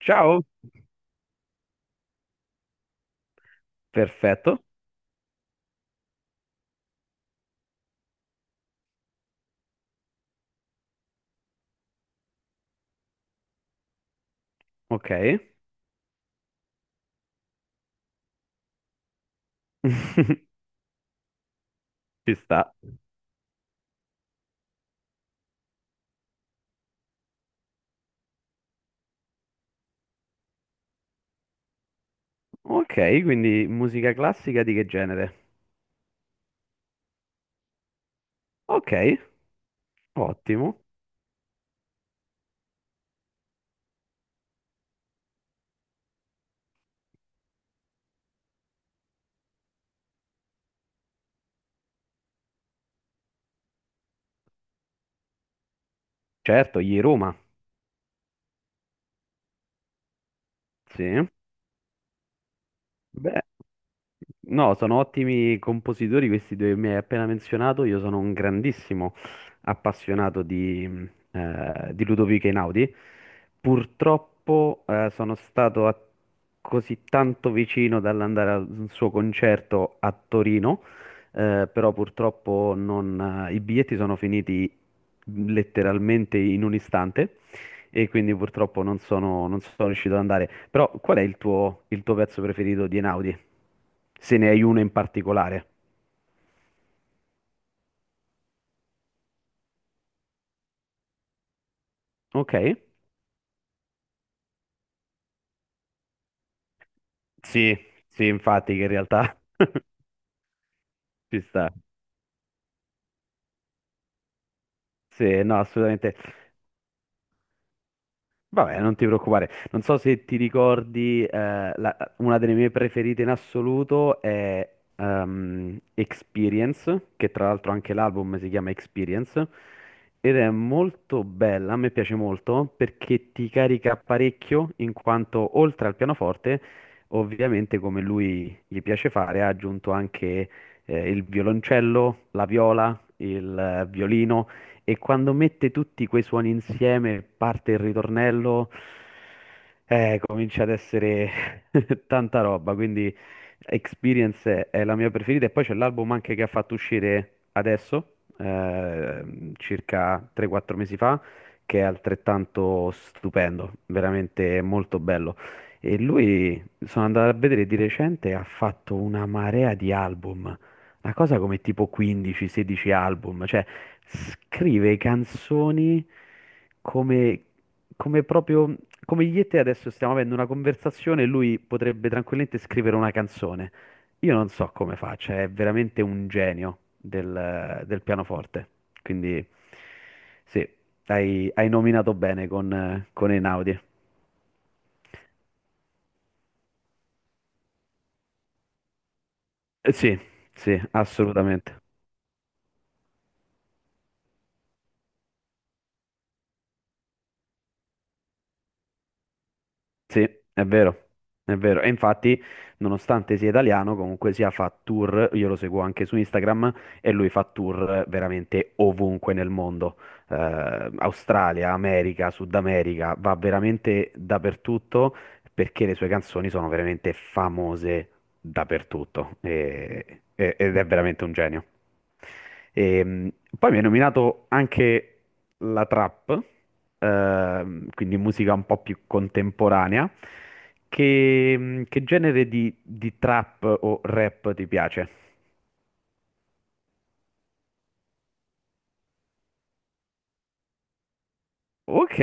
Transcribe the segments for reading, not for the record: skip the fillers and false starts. Ciao, perfetto, ok, ci sta. Ok, quindi musica classica di che genere? Ok, ottimo. Certo, gli Roma, sì. Beh. No, sono ottimi compositori questi due che mi hai appena menzionato. Io sono un grandissimo appassionato di Ludovico Einaudi. Purtroppo, sono stato così tanto vicino dall'andare al suo concerto a Torino, però purtroppo i biglietti sono finiti letteralmente in un istante e quindi purtroppo non sono riuscito ad andare. Però qual è il tuo pezzo preferito di Einaudi? Se ne hai uno in particolare. Ok? Sì, sì, infatti che in realtà ci sta. Sì, no, assolutamente. Vabbè, non ti preoccupare. Non so se ti ricordi, una delle mie preferite in assoluto è Experience, che tra l'altro anche l'album si chiama Experience, ed è molto bella, a me piace molto perché ti carica parecchio in quanto oltre al pianoforte, ovviamente come lui gli piace fare, ha aggiunto anche il violoncello, la viola, il violino. E quando mette tutti quei suoni insieme, parte il ritornello, comincia ad essere tanta roba. Quindi Experience è la mia preferita. E poi c'è l'album anche che ha fatto uscire adesso, circa 3-4 mesi fa, che è altrettanto stupendo, veramente molto bello. E lui, sono andato a vedere di recente, ha fatto una marea di album. Una cosa come tipo 15-16 album, cioè scrive canzoni come, come proprio come io e te adesso stiamo avendo una conversazione e lui potrebbe tranquillamente scrivere una canzone. Io non so come faccia, è veramente un genio del pianoforte. Quindi sì, hai nominato bene con Einaudi. Sì, sì, assolutamente. Sì, è vero, è vero. E infatti, nonostante sia italiano, comunque sia fa tour, io lo seguo anche su Instagram e lui fa tour veramente ovunque nel mondo. Eh, Australia, America, Sud America, va veramente dappertutto perché le sue canzoni sono veramente famose dappertutto ed è veramente un genio. E, poi mi hai nominato anche la trap, quindi musica un po' più contemporanea. Che genere di trap o rap ti piace? Ok,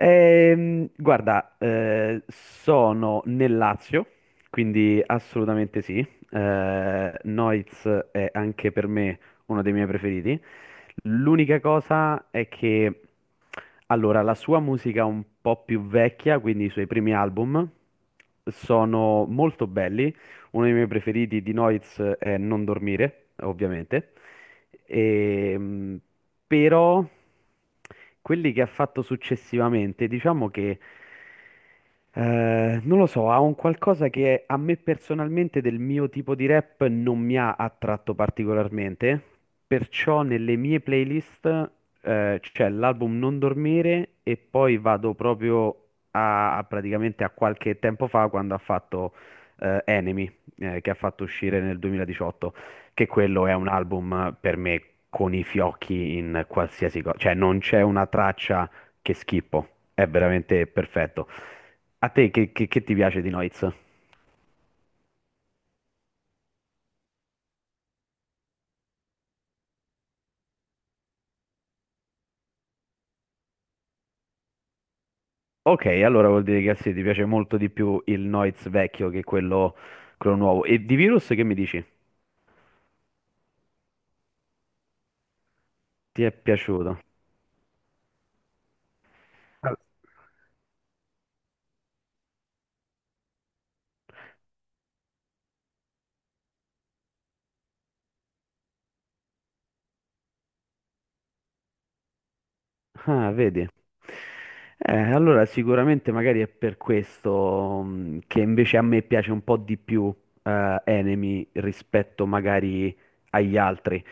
Guarda, sono nel Lazio, quindi assolutamente sì. Noiz è anche per me uno dei miei preferiti. L'unica cosa è che, allora, la sua musica è un po' più vecchia, quindi i suoi primi album sono molto belli, uno dei miei preferiti di Noiz è Non dormire, ovviamente. Ehm, però quelli che ha fatto successivamente, diciamo che non lo so, ha un qualcosa che a me personalmente del mio tipo di rap non mi ha attratto particolarmente, perciò nelle mie playlist c'è l'album Non dormire e poi vado proprio a praticamente a qualche tempo fa quando ha fatto Enemy, che ha fatto uscire nel 2018, che quello è un album per me con i fiocchi in qualsiasi cosa, cioè non c'è una traccia che schippo, è veramente perfetto. A te che ti piace di Noiz? Ok, allora vuol dire che sì, ti piace molto di più il Noiz vecchio che quello nuovo. E di Virus che mi dici? Ti è piaciuto? Ah, ah, vedi. Allora sicuramente magari è per questo che invece a me piace un po' di più, Enemy rispetto magari agli altri.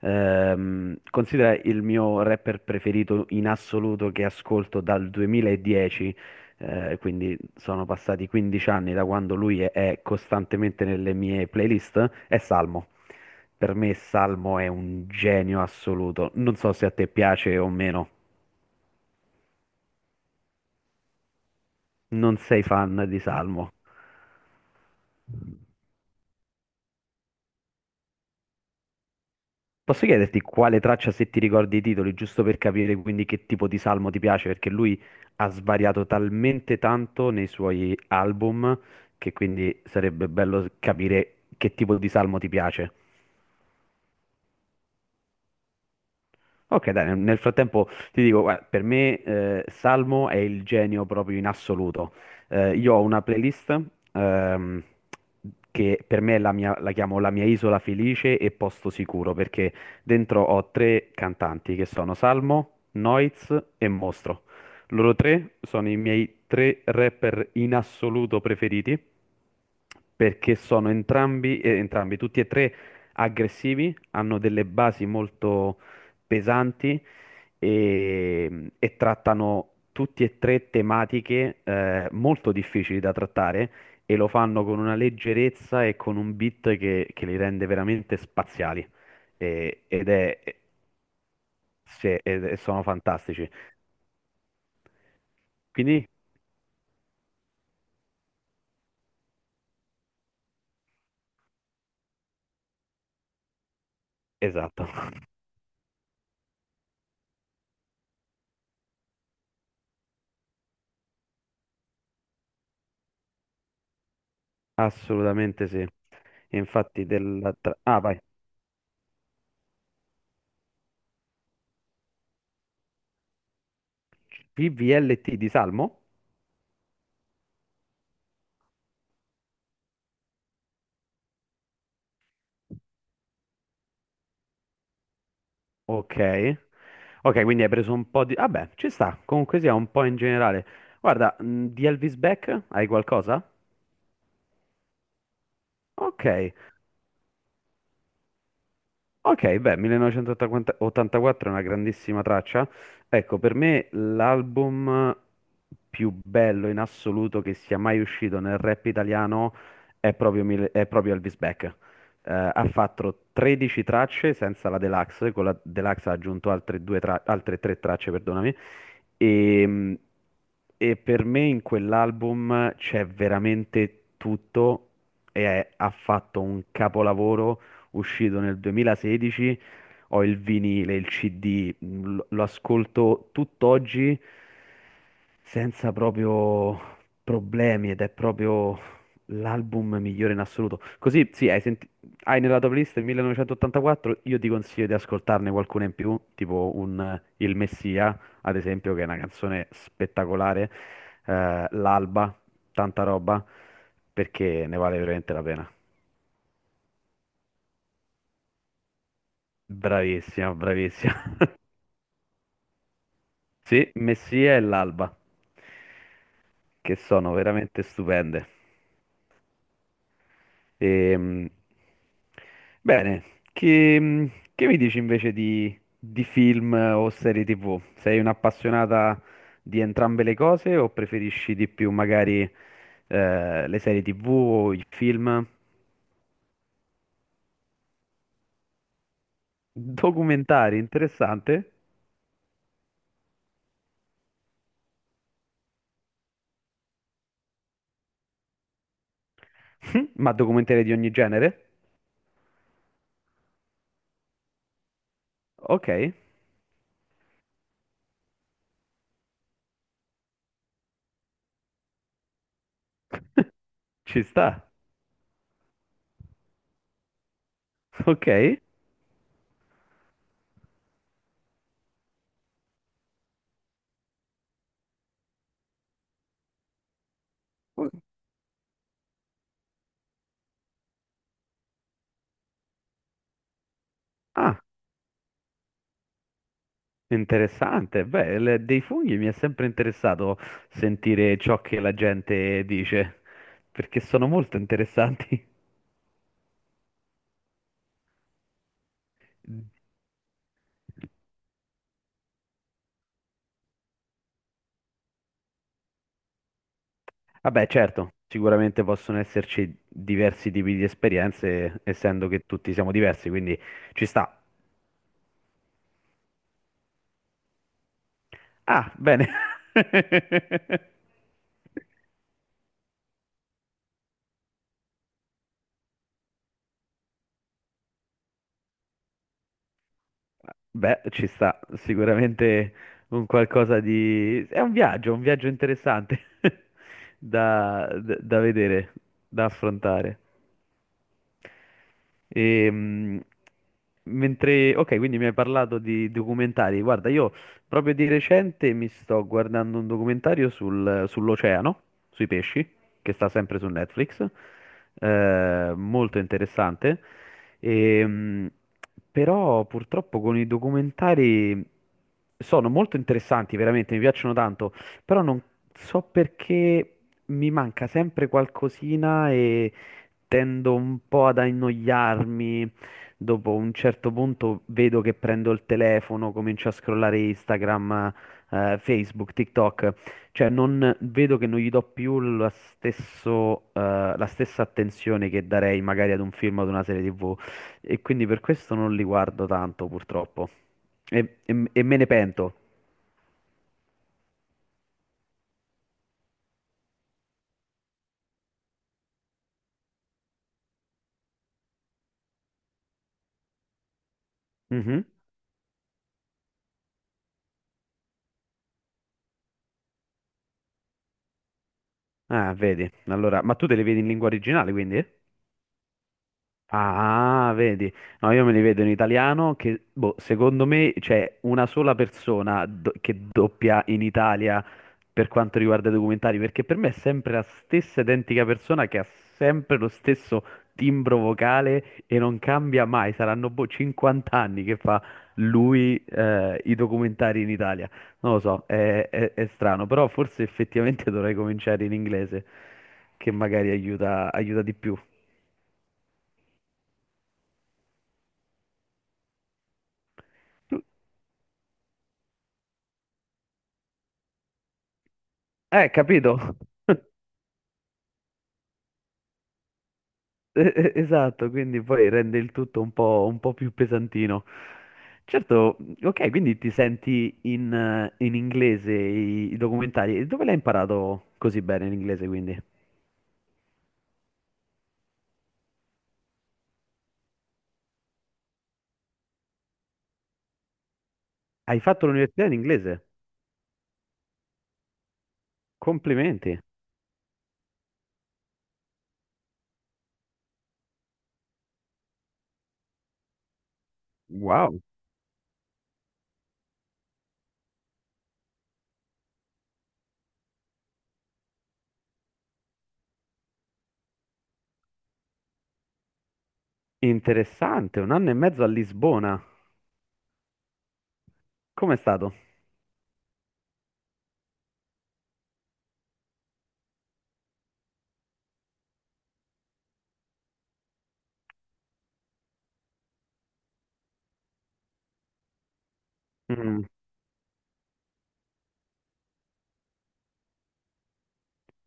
Considera il mio rapper preferito in assoluto che ascolto dal 2010, quindi sono passati 15 anni da quando lui è costantemente nelle mie playlist, è Salmo. Per me Salmo è un genio assoluto. Non so se a te piace o meno. Non sei fan di Salmo. Posso chiederti quale traccia, se ti ricordi i titoli, giusto per capire quindi che tipo di salmo ti piace? Perché lui ha svariato talmente tanto nei suoi album che quindi sarebbe bello capire che tipo di salmo ti piace. Ok, dai, nel frattempo ti dico, guarda, per me, Salmo è il genio proprio in assoluto. Io ho una playlist, ehm, che per me è la chiamo La mia isola felice e posto sicuro, perché dentro ho tre cantanti che sono Salmo, Noiz e Mostro. Loro tre sono i miei tre rapper in assoluto preferiti, perché sono entrambi, tutti e tre aggressivi, hanno delle basi molto pesanti e trattano tutti e tre tematiche, molto difficili da trattare e lo fanno con una leggerezza e con un beat che li rende veramente spaziali. E- ed è, se- ed è- sono fantastici. Quindi, esatto, assolutamente sì. Infatti, ah, vai. PVLT di Salmo? Ok. Ok, quindi hai preso un po' di... Vabbè, ci sta, comunque sia un po' in generale. Guarda, di Elvis Beck hai qualcosa? Ok. Ok, beh, 1984 è una grandissima traccia. Ecco, per me l'album più bello in assoluto che sia mai uscito nel rap italiano è proprio Elvis Beck. Ha fatto 13 tracce senza la Deluxe, con la Deluxe ha aggiunto altre tre tracce, perdonami. E, e per me in quell'album c'è veramente tutto ha fatto un capolavoro uscito nel 2016, ho il vinile, il CD, lo ascolto tutt'oggi senza proprio problemi ed è proprio l'album migliore in assoluto. Così, sì, hai nella tua playlist il 1984, io ti consiglio di ascoltarne qualcuna in più, tipo Il Messia, ad esempio, che è una canzone spettacolare, L'Alba, tanta roba, perché ne vale veramente la pena. Bravissima, bravissima. Sì, Messia e l'Alba, che sono veramente stupende. Ehm, bene, che mi dici invece di film o serie TV? Sei un'appassionata di entrambe le cose o preferisci di più magari, le serie TV o i film? Documentari, interessante. Ma documentari di ogni genere? Ok, ci sta. Ok. Ah. Interessante, beh, dei funghi mi è sempre interessato sentire ciò che la gente dice, perché sono molto interessanti. Vabbè, certo, sicuramente possono esserci diversi tipi di esperienze, essendo che tutti siamo diversi, quindi ci sta. Ah, bene. Beh, ci sta sicuramente un qualcosa di... È un viaggio interessante da, da vedere, da affrontare. Ehm, mentre... Ok, quindi mi hai parlato di documentari. Guarda, io proprio di recente mi sto guardando un documentario sull'oceano, sui pesci, che sta sempre su Netflix. Molto interessante. Ehm, però purtroppo con i documentari sono molto interessanti, veramente, mi piacciono tanto, però non so perché mi manca sempre qualcosina e tendo un po' ad annoiarmi. Dopo un certo punto vedo che prendo il telefono, comincio a scrollare Instagram, Facebook, TikTok, cioè non vedo che non gli do più lo stesso, la stessa attenzione che darei magari ad un film o ad una serie TV. E quindi per questo non li guardo tanto, purtroppo. E me ne pento. Mhm. Ah, vedi. Allora, ma tu te li vedi in lingua originale, quindi? Ah, vedi, no, io me li vedo in italiano che, boh, secondo me c'è una sola persona che doppia in Italia per quanto riguarda i documentari, perché per me è sempre la stessa identica persona che ha sempre lo stesso timbro vocale e non cambia mai, saranno boh 50 anni che fa lui, i documentari in Italia, non lo so, è strano, però forse effettivamente dovrei cominciare in inglese, che magari aiuta, aiuta di più. Capito? Esatto, quindi poi rende il tutto un po' più pesantino. Certo, ok, quindi ti senti, in inglese i documentari. E dove l'hai imparato così bene l'inglese, quindi? Hai fatto l'università in inglese? Complimenti. Wow, interessante, un anno e mezzo a Lisbona. Com'è stato? Mm,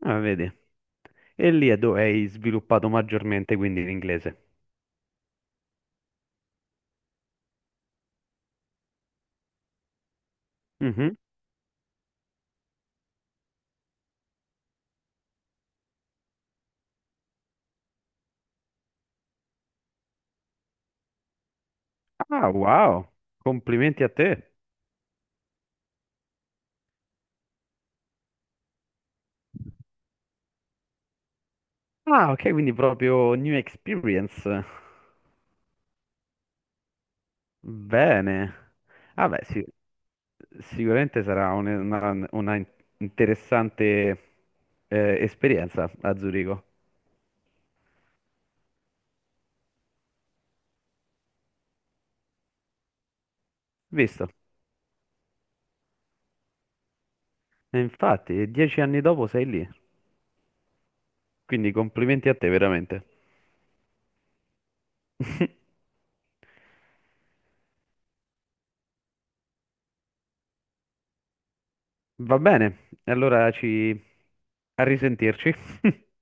ah, vedi. E lì è dove hai sviluppato maggiormente quindi l'inglese. Mhm. Ah, wow, complimenti a te. Ah, ok, quindi proprio new experience. Bene. Vabbè, sì, sicuramente sarà una interessante, esperienza a Zurigo. Visto? E infatti, 10 anni dopo sei lì. Quindi complimenti a te, veramente. Va bene, allora ci... a risentirci.